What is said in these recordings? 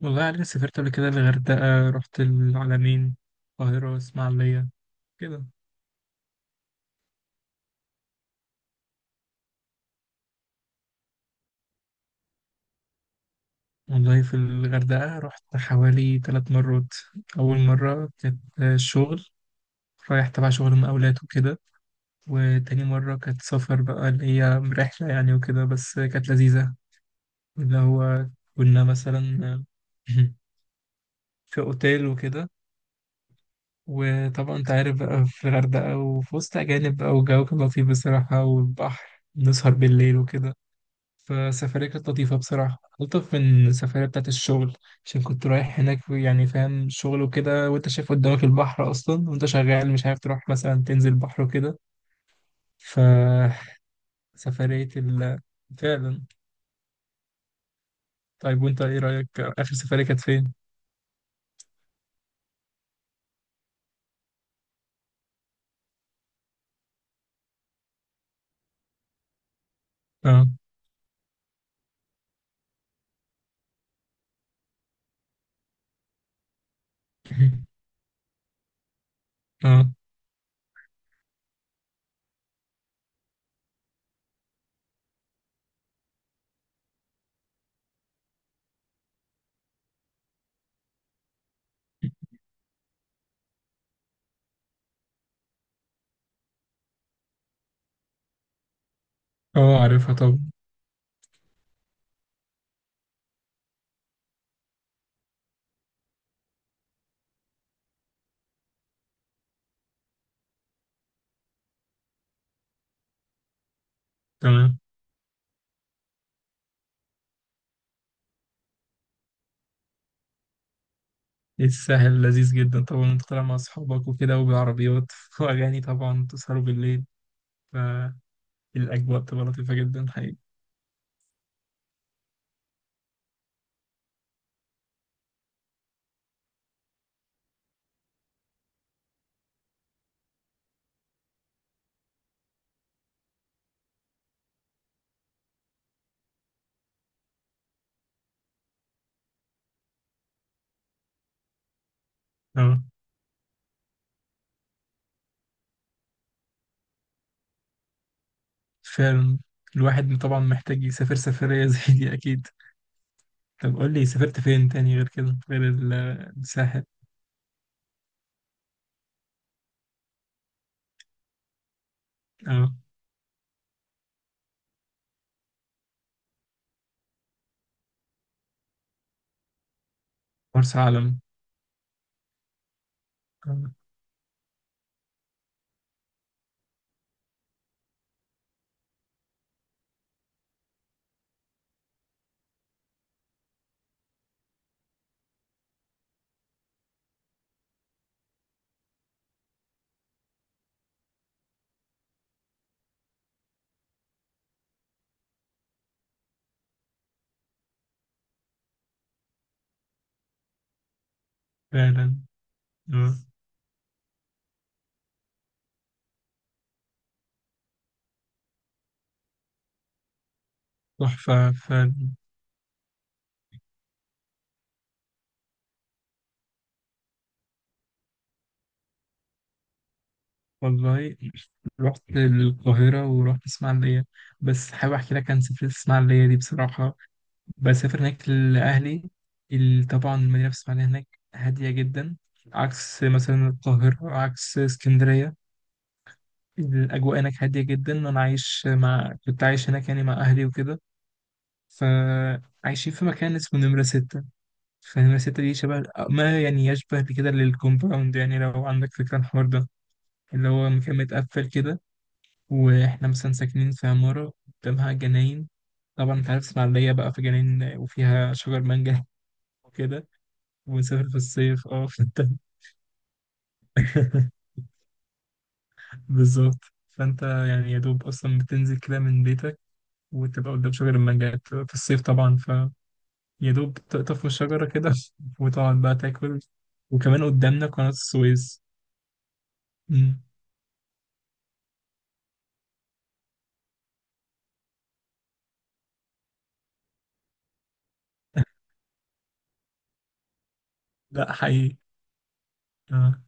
والله أنا سافرت قبل كده الغردقة، رحت العلمين، القاهرة، اسماعيلية كده. والله في الغردقة رحت حوالي 3 مرات. أول مرة كانت شغل، رايح تبع شغل مقاولات وكده. وتاني مرة كانت سفر بقى، اللي هي رحلة يعني وكده، بس كانت لذيذة. اللي هو كنا مثلا في أوتيل وكده. وطبعا أنت عارف بقى، في الغردقة وفي وسط أجانب بقى، والجو كان لطيف بصراحة، والبحر نسهر بالليل وكده. فسفرية كانت لطيفة بصراحة، ألطف من السفرية بتاعت الشغل. عشان كنت رايح هناك يعني فاهم شغل وكده، وأنت شايف قدامك البحر أصلا وأنت شغال، مش عارف تروح مثلا تنزل البحر وكده. فسفرية. ال فعلا. طيب وأنت إيه رأيك آخر سفرية كانت فين؟ أه. أه، أه، عارفها طبعا. تمام. إيه الساحل لذيذ جدا، طبعا أنت طالع مع أصحابك وكده وبالعربيات وأغاني، طبعا تسهروا بالليل. فالأجواء بتبقى لطيفة جدا، حقيقي. آه. فعلا. الواحد طبعا محتاج يسافر سفرية زي دي، أكيد. طب قول لي سافرت فين تاني غير كده، غير الساحل. اه. مرسى علم. آه، فعلا. آه، تحفة فعلا. والله رحت القاهرة ورحت اسماعيلية، بس حابب أحكي لك عن سفرية اسماعيلية دي بصراحة. بسافر هناك لأهلي. طبعا المدينة في اسماعيلية هناك هادية جدا. عكس مثلا القاهرة، عكس اسكندرية. الأجواء هناك هادية جدا. أنا عايش مع كنت عايش هناك يعني مع أهلي وكده. فعايشين في مكان اسمه نمرة ستة. فنمرة ستة دي شبه، ما يعني يشبه بكده للكومباوند، يعني لو عندك فكرة عن الحوار ده. اللي هو مكان متقفل كده. وإحنا مثلا ساكنين في عمارة، قدامها جناين. طبعا أنت عارف اسماعيلية بقى، في جناين وفيها شجر مانجا وكده. ونسافر في الصيف، اه فانت. بالظبط. فانت يعني يا دوب اصلا بتنزل كده من بيتك، وتبقى قدام شجر المانجا في الصيف، طبعا فيا دوب تقطف من الشجرة كده وتقعد بقى تاكل. وكمان قدامنا قناة السويس. مم. لا، حقيقي. آه.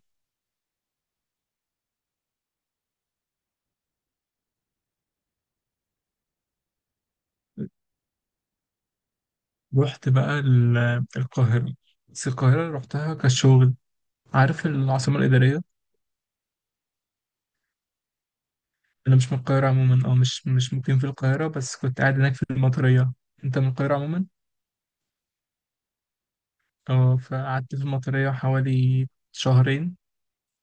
رحت بقى القاهرة، بس القاهرة رحتها كشغل. عارف العاصمة الإدارية. أنا مش من القاهرة عموما، أو مش مقيم في القاهرة، بس كنت قاعد هناك في المطرية. أنت من القاهرة عموما. أه. فقعدت في المطرية حوالي شهرين،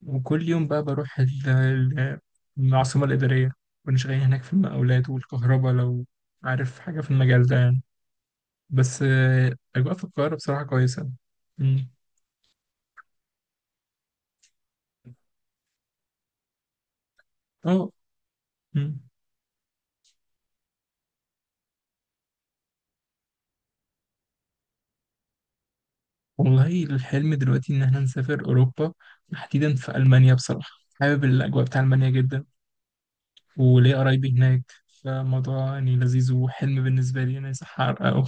وكل يوم بقى بروح العاصمة الإدارية. كنا شغالين هناك في المقاولات والكهرباء، لو عارف حاجة في المجال ده يعني. بس أجواء في القاهرة بصراحة كويسة. مم. اه. مم. والله الحلم دلوقتي إن احنا نسافر أوروبا، تحديدا في ألمانيا بصراحة. حابب الأجواء بتاع ألمانيا جدا. وليا قرايبي هناك. فالموضوع يعني لذيذ وحلم بالنسبة لي، أنا يصح أحققه.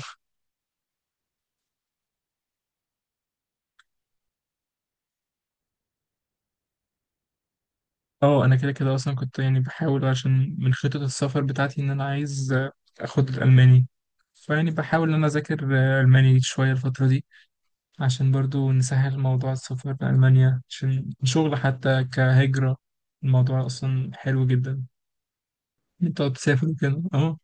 اه، انا كده كده اصلا كنت يعني بحاول، عشان من خطط السفر بتاعتي ان انا عايز اخد الالماني. فيعني بحاول ان انا اذاكر الماني شويه الفتره دي، عشان برضو نسهل موضوع السفر لالمانيا، عشان شغل حتى كهجره. الموضوع اصلا حلو جدا. إن انت تقعد تسافر وكده. اه.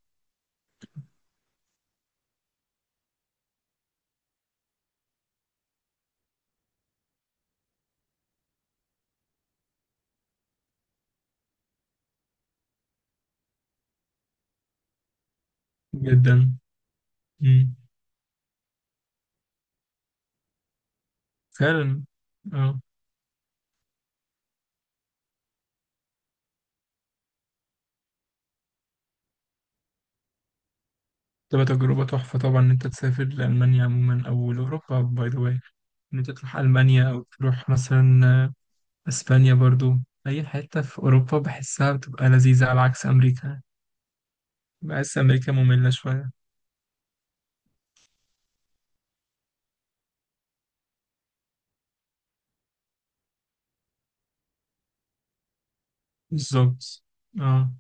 جدا. مم. فعلا. اه. تبقى تجربه تحفه طبعا، ان انت تسافر لالمانيا عموما او لاوروبا باي ذا واي. ان انت تروح المانيا او تروح مثلا اسبانيا برضو. اي حتة في اوروبا بحسها بتبقى لذيذة، على عكس امريكا. بحس امريكا مملة شوية. بالظبط. اه.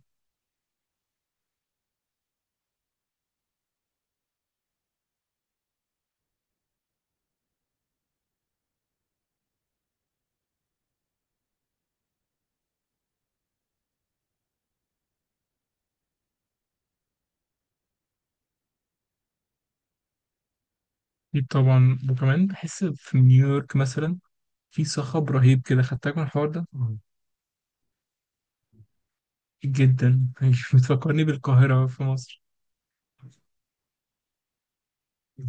أكيد طبعا، وكمان بحس في نيويورك مثلا في صخب رهيب كده، خدتك من الحوار ده. مم. جدا بتفكرني بالقاهرة في مصر. مم.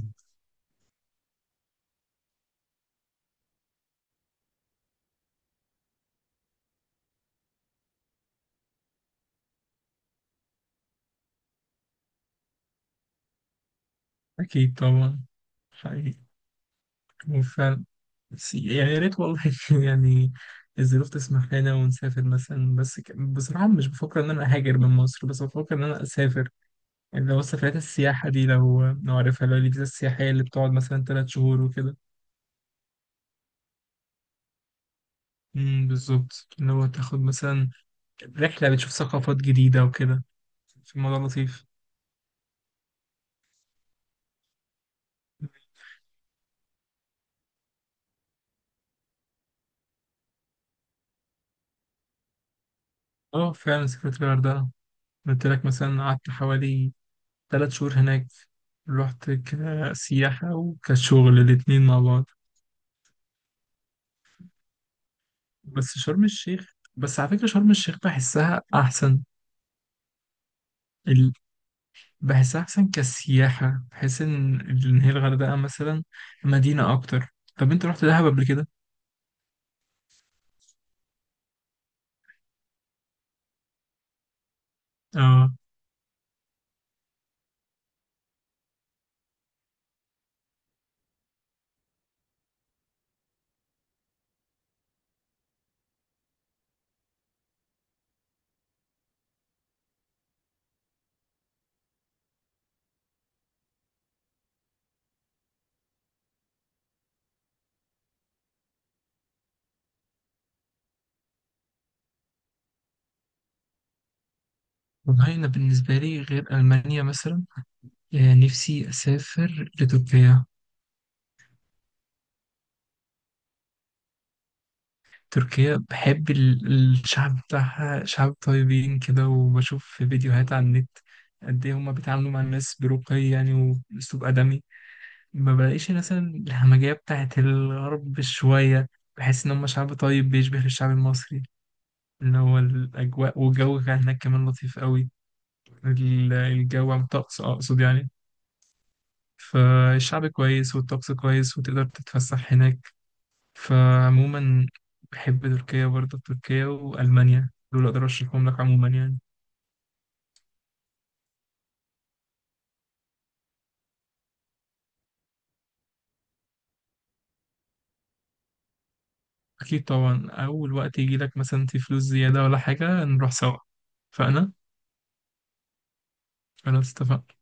اكيد طبعا. حقيقي. وفعلا. بس يعني يا ريت والله يعني الظروف تسمح لنا ونسافر مثلا، بس بصراحة مش بفكر إن أنا أهاجر من مصر، بس بفكر إن أنا أسافر. اللي هو سفريات السياحة دي، لو عارفها، اللي هو الفيزا السياحية اللي بتقعد مثلا 3 شهور وكده. بالظبط. اللي هو تاخد مثلا رحلة، بتشوف ثقافات جديدة وكده. في الموضوع لطيف. اه، فعلا سافرت الغردقة. قلت لك مثلا قعدت حوالي 3 شهور هناك. رحت كسياحة وكشغل، الاتنين مع بعض. بس شرم الشيخ، بس على فكرة شرم الشيخ بحسها أحسن. بحس أحسن كسياحة. بحس إن هي الغردقة مثلا مدينة أكتر. طب أنت رحت دهب قبل كده؟ اه. والله أنا بالنسبة لي غير ألمانيا مثلا، نفسي أسافر لتركيا. تركيا بحب الشعب بتاعها، شعب طيبين كده، وبشوف في فيديوهات على النت قد إيه هما بيتعاملوا مع الناس برقي يعني، وأسلوب أدمي. ما بلاقيش مثلا الهمجية بتاعت الغرب شوية. بحس إن هما شعب طيب بيشبه الشعب المصري. اللي هو الأجواء، والجو كان هناك كمان لطيف قوي. الجو، عن الطقس أقصد يعني. فالشعب كويس والطقس كويس وتقدر تتفسح هناك. فعموما بحب تركيا برضه. تركيا وألمانيا دول أقدر أرشحهم لك عموما يعني. أكيد طبعا، أول وقت يجي لك مثلا في فلوس زيادة ولا حاجة نروح سوا. فأنا. خلاص، اتفقنا.